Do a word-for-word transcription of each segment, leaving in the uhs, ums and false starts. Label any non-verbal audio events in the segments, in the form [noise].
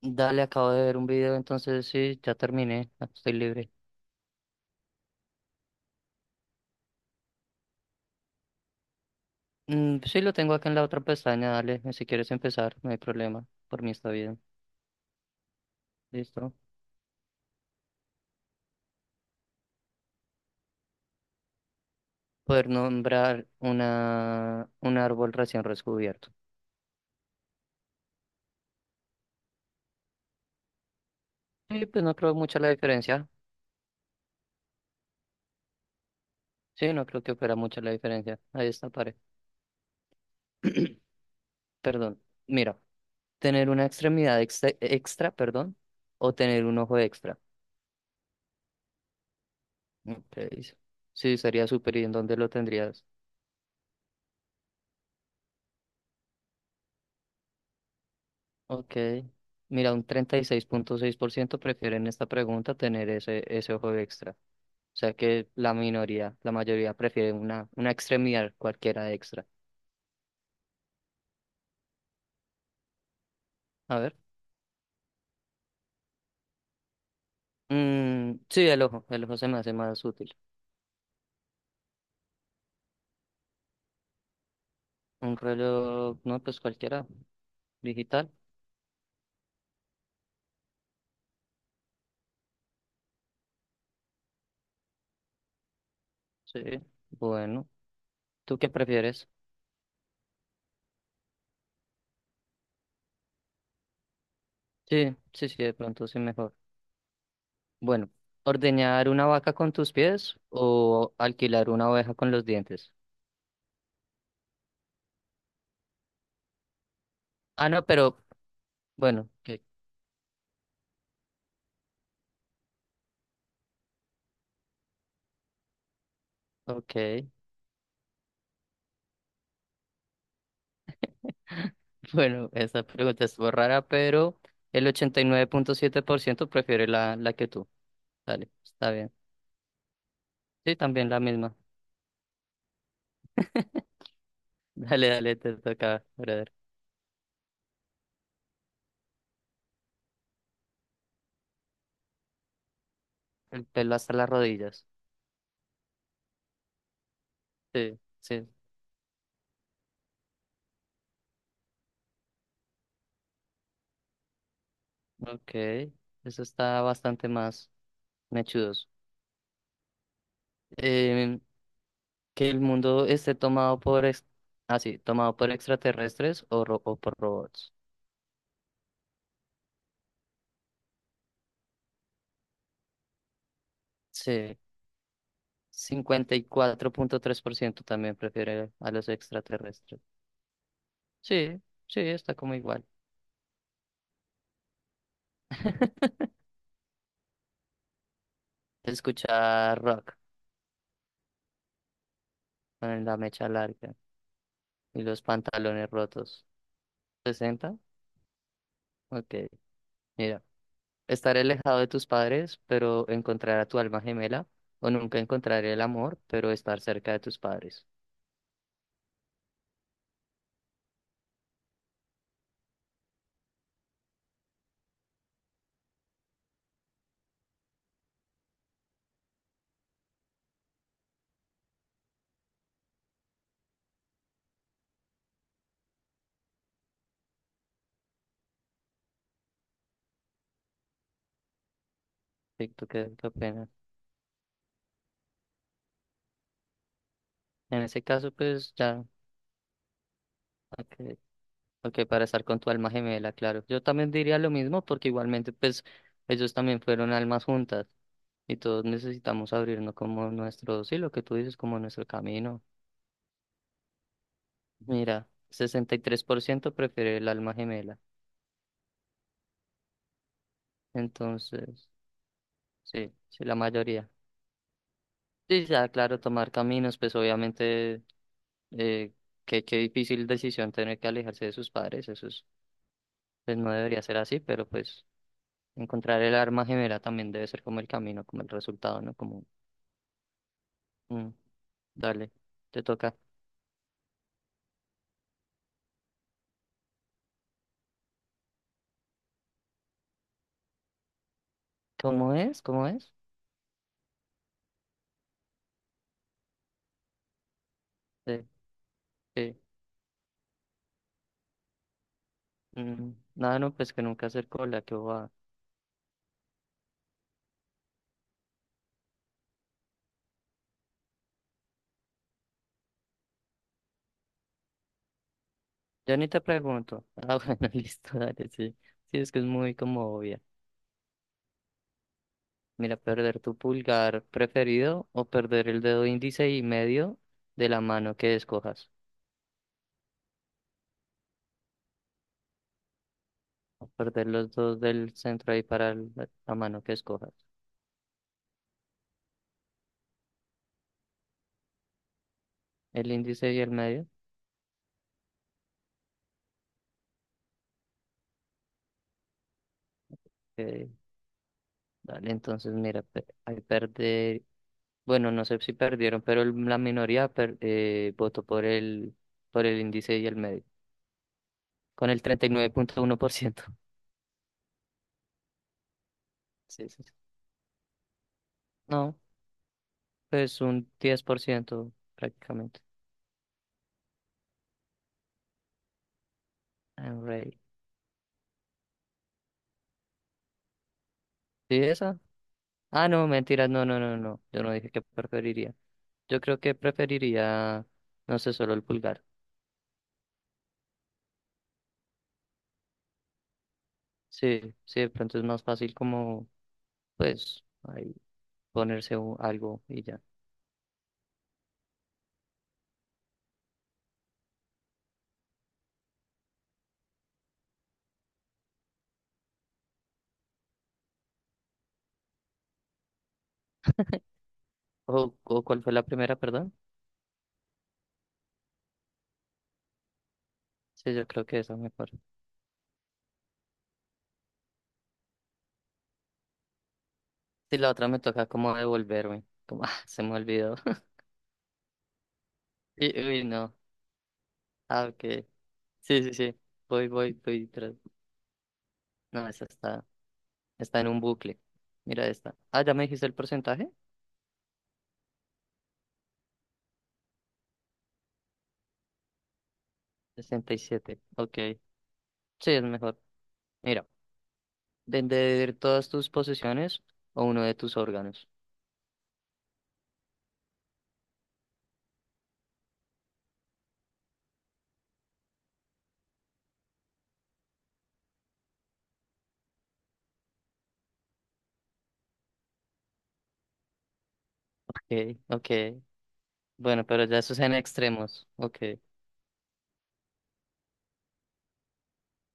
Dale, acabo de ver un video, entonces sí, ya terminé, ya estoy libre. Mm, sí, lo tengo acá en la otra pestaña, dale, si quieres empezar, no hay problema, por mí está bien. Listo. Poder nombrar una, un árbol recién descubierto. Sí, pues no creo mucha la diferencia. Sí, no creo que fuera mucha la diferencia. Ahí está, pare. [clears throat] Perdón. Mira, tener una extremidad extra, extra, perdón, o tener un ojo extra. Ok, sí, sería súper. ¿Y en dónde lo tendrías? Ok. Mira, un treinta y seis seis punto seis por ciento prefieren en esta pregunta tener ese, ese ojo extra. O sea que la minoría, la mayoría prefiere una, una extremidad cualquiera extra. A ver. Mm, sí, el ojo. El ojo se me hace más útil. Un reloj, no, pues cualquiera. Digital. Sí. Bueno. ¿Tú qué prefieres? Sí, sí, sí, de pronto sí mejor. Bueno, ¿ordeñar una vaca con tus pies o alquilar una oveja con los dientes? Ah, no, pero bueno, que- ok. [laughs] Bueno, esta pregunta es rara, pero el ochenta y nueve punto siete por ciento prefiere la, la que tú. Dale, está bien. Sí, también la misma. [laughs] Dale, dale, te toca, brother. El pelo hasta las rodillas. Sí, sí. Ok, eso está bastante más mechudos. Eh, que el mundo esté tomado por, ex- ah, sí, tomado por extraterrestres o, ro- o por robots. Sí, cincuenta y cuatro punto tres por ciento también prefiere a los extraterrestres. Sí, sí, está como igual. [laughs] Se escucha rock con la mecha larga y los pantalones rotos. Sesenta. Ok, mira. Estaré alejado de tus padres, pero encontrar a tu alma gemela. O nunca encontraré el amor, pero estar cerca de tus padres. Sí, ¿tú qué, qué opinas? En ese caso, pues ya. Ok, ok, para estar con tu alma gemela, claro. Yo también diría lo mismo, porque igualmente, pues, ellos también fueron almas juntas. Y todos necesitamos abrirnos como nuestro, sí, lo que tú dices, como nuestro camino. Mira, sesenta y tres por ciento prefiere el alma gemela. Entonces, sí, sí, la mayoría. Sí, ya, claro, tomar caminos, pues obviamente, eh, qué, qué difícil decisión tener que alejarse de sus padres, eso es, pues no debería ser así, pero pues encontrar el alma gemela también debe ser como el camino, como el resultado, ¿no? Como, mm, dale, te toca. ¿Cómo es? ¿Cómo es? Sí, sí. Mm, Nada, no, pues que nunca hacer cola, que va. Ya ni te pregunto. Ah, [laughs] bueno, listo, dale, sí. Sí, es que es muy como obvia. Mira, perder tu pulgar preferido o perder el dedo índice y medio de la mano que escojas. O perder los dos del centro ahí para el- la mano que escojas. El índice y el medio. eh, dale, entonces mira, pe- ahí perder. Bueno, no sé si perdieron, pero el- la minoría per- eh, votó por el, por el índice y el medio, con el treinta y nueve punto uno por ciento. Sí, sí, sí. No, pues un diez por ciento prácticamente. I'm ready. ¿Sí esa? Ah, no, mentiras, no, no, no, no. Yo no dije que preferiría. Yo creo que preferiría, no sé, solo el pulgar. Sí, sí, de pronto es más fácil como, pues, ahí ponerse u- algo y ya. ¿O, o cuál fue la primera, perdón? Sí, yo creo que esa mejor. Sí, la otra me toca como devolverme. Como, [laughs] ah, se me olvidó. [laughs] Y- Uy, no. Ah, ok. Sí, sí, sí. Voy, voy, voy. tras- No, esa está. Está en un bucle. Mira esta. Ah, ya me dijiste el porcentaje. Sesenta y siete. Ok. Sí, es mejor. Mira, vender todas tus posesiones o uno de tus órganos. Ok, ok. Bueno, pero ya eso es en extremos. Ok.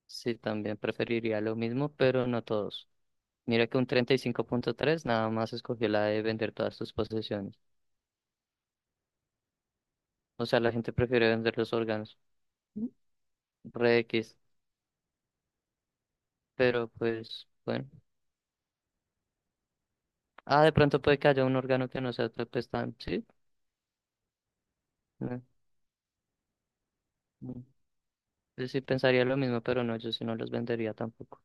Sí, también preferiría lo mismo, pero no todos. Mira que un treinta y cinco punto tres nada más escogió la de vender todas tus posesiones. O sea, la gente prefiere vender los órganos. Re X. Pero pues, bueno. Ah, de pronto puede que haya un órgano que no sea pues, tan, sí. Mm. Yo sí pensaría lo mismo, pero no, yo sí no los vendería tampoco.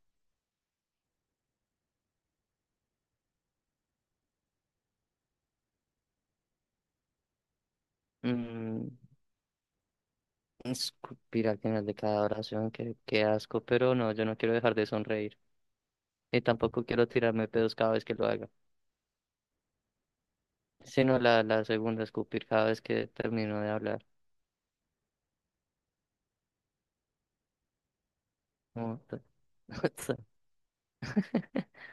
Mm, Escupir al final de cada oración, qué, qué asco, pero no, yo no quiero dejar de sonreír. Y tampoco quiero tirarme pedos cada vez que lo haga. Sino la, la segunda, escupir cada vez que termino de hablar. Como- [laughs]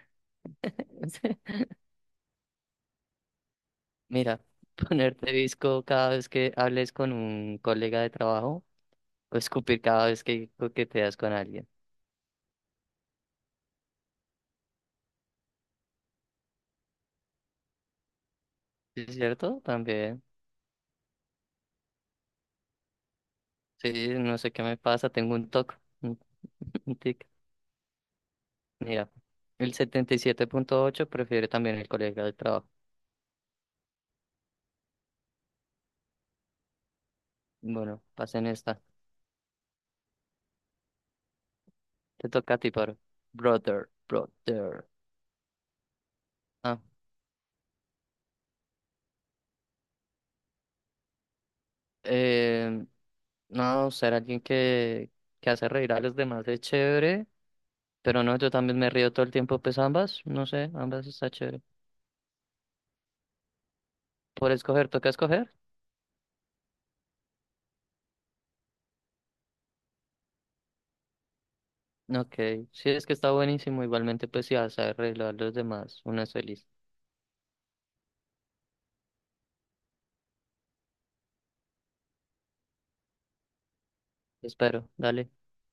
Mira, ponerte disco cada vez que hables con un colega de trabajo o escupir cada vez que coqueteas con alguien. ¿Sí? ¿Es cierto? También. Sí, no sé qué me pasa, tengo un TOC. Un [laughs] un tic. Mira, el setenta y siete punto ocho prefiere también el colega de trabajo. Bueno, pasen esta. Te toca a ti, paro. Brother, brother. Ah, eh, no, ser alguien que, que hace reír a los demás es chévere, pero no, yo también me río todo el tiempo, pues ambas, no sé, ambas está chévere. Por escoger, toca escoger. Ok, sí, es que está buenísimo, igualmente, pues si hace reír a los demás, una es feliz. Espero, dale.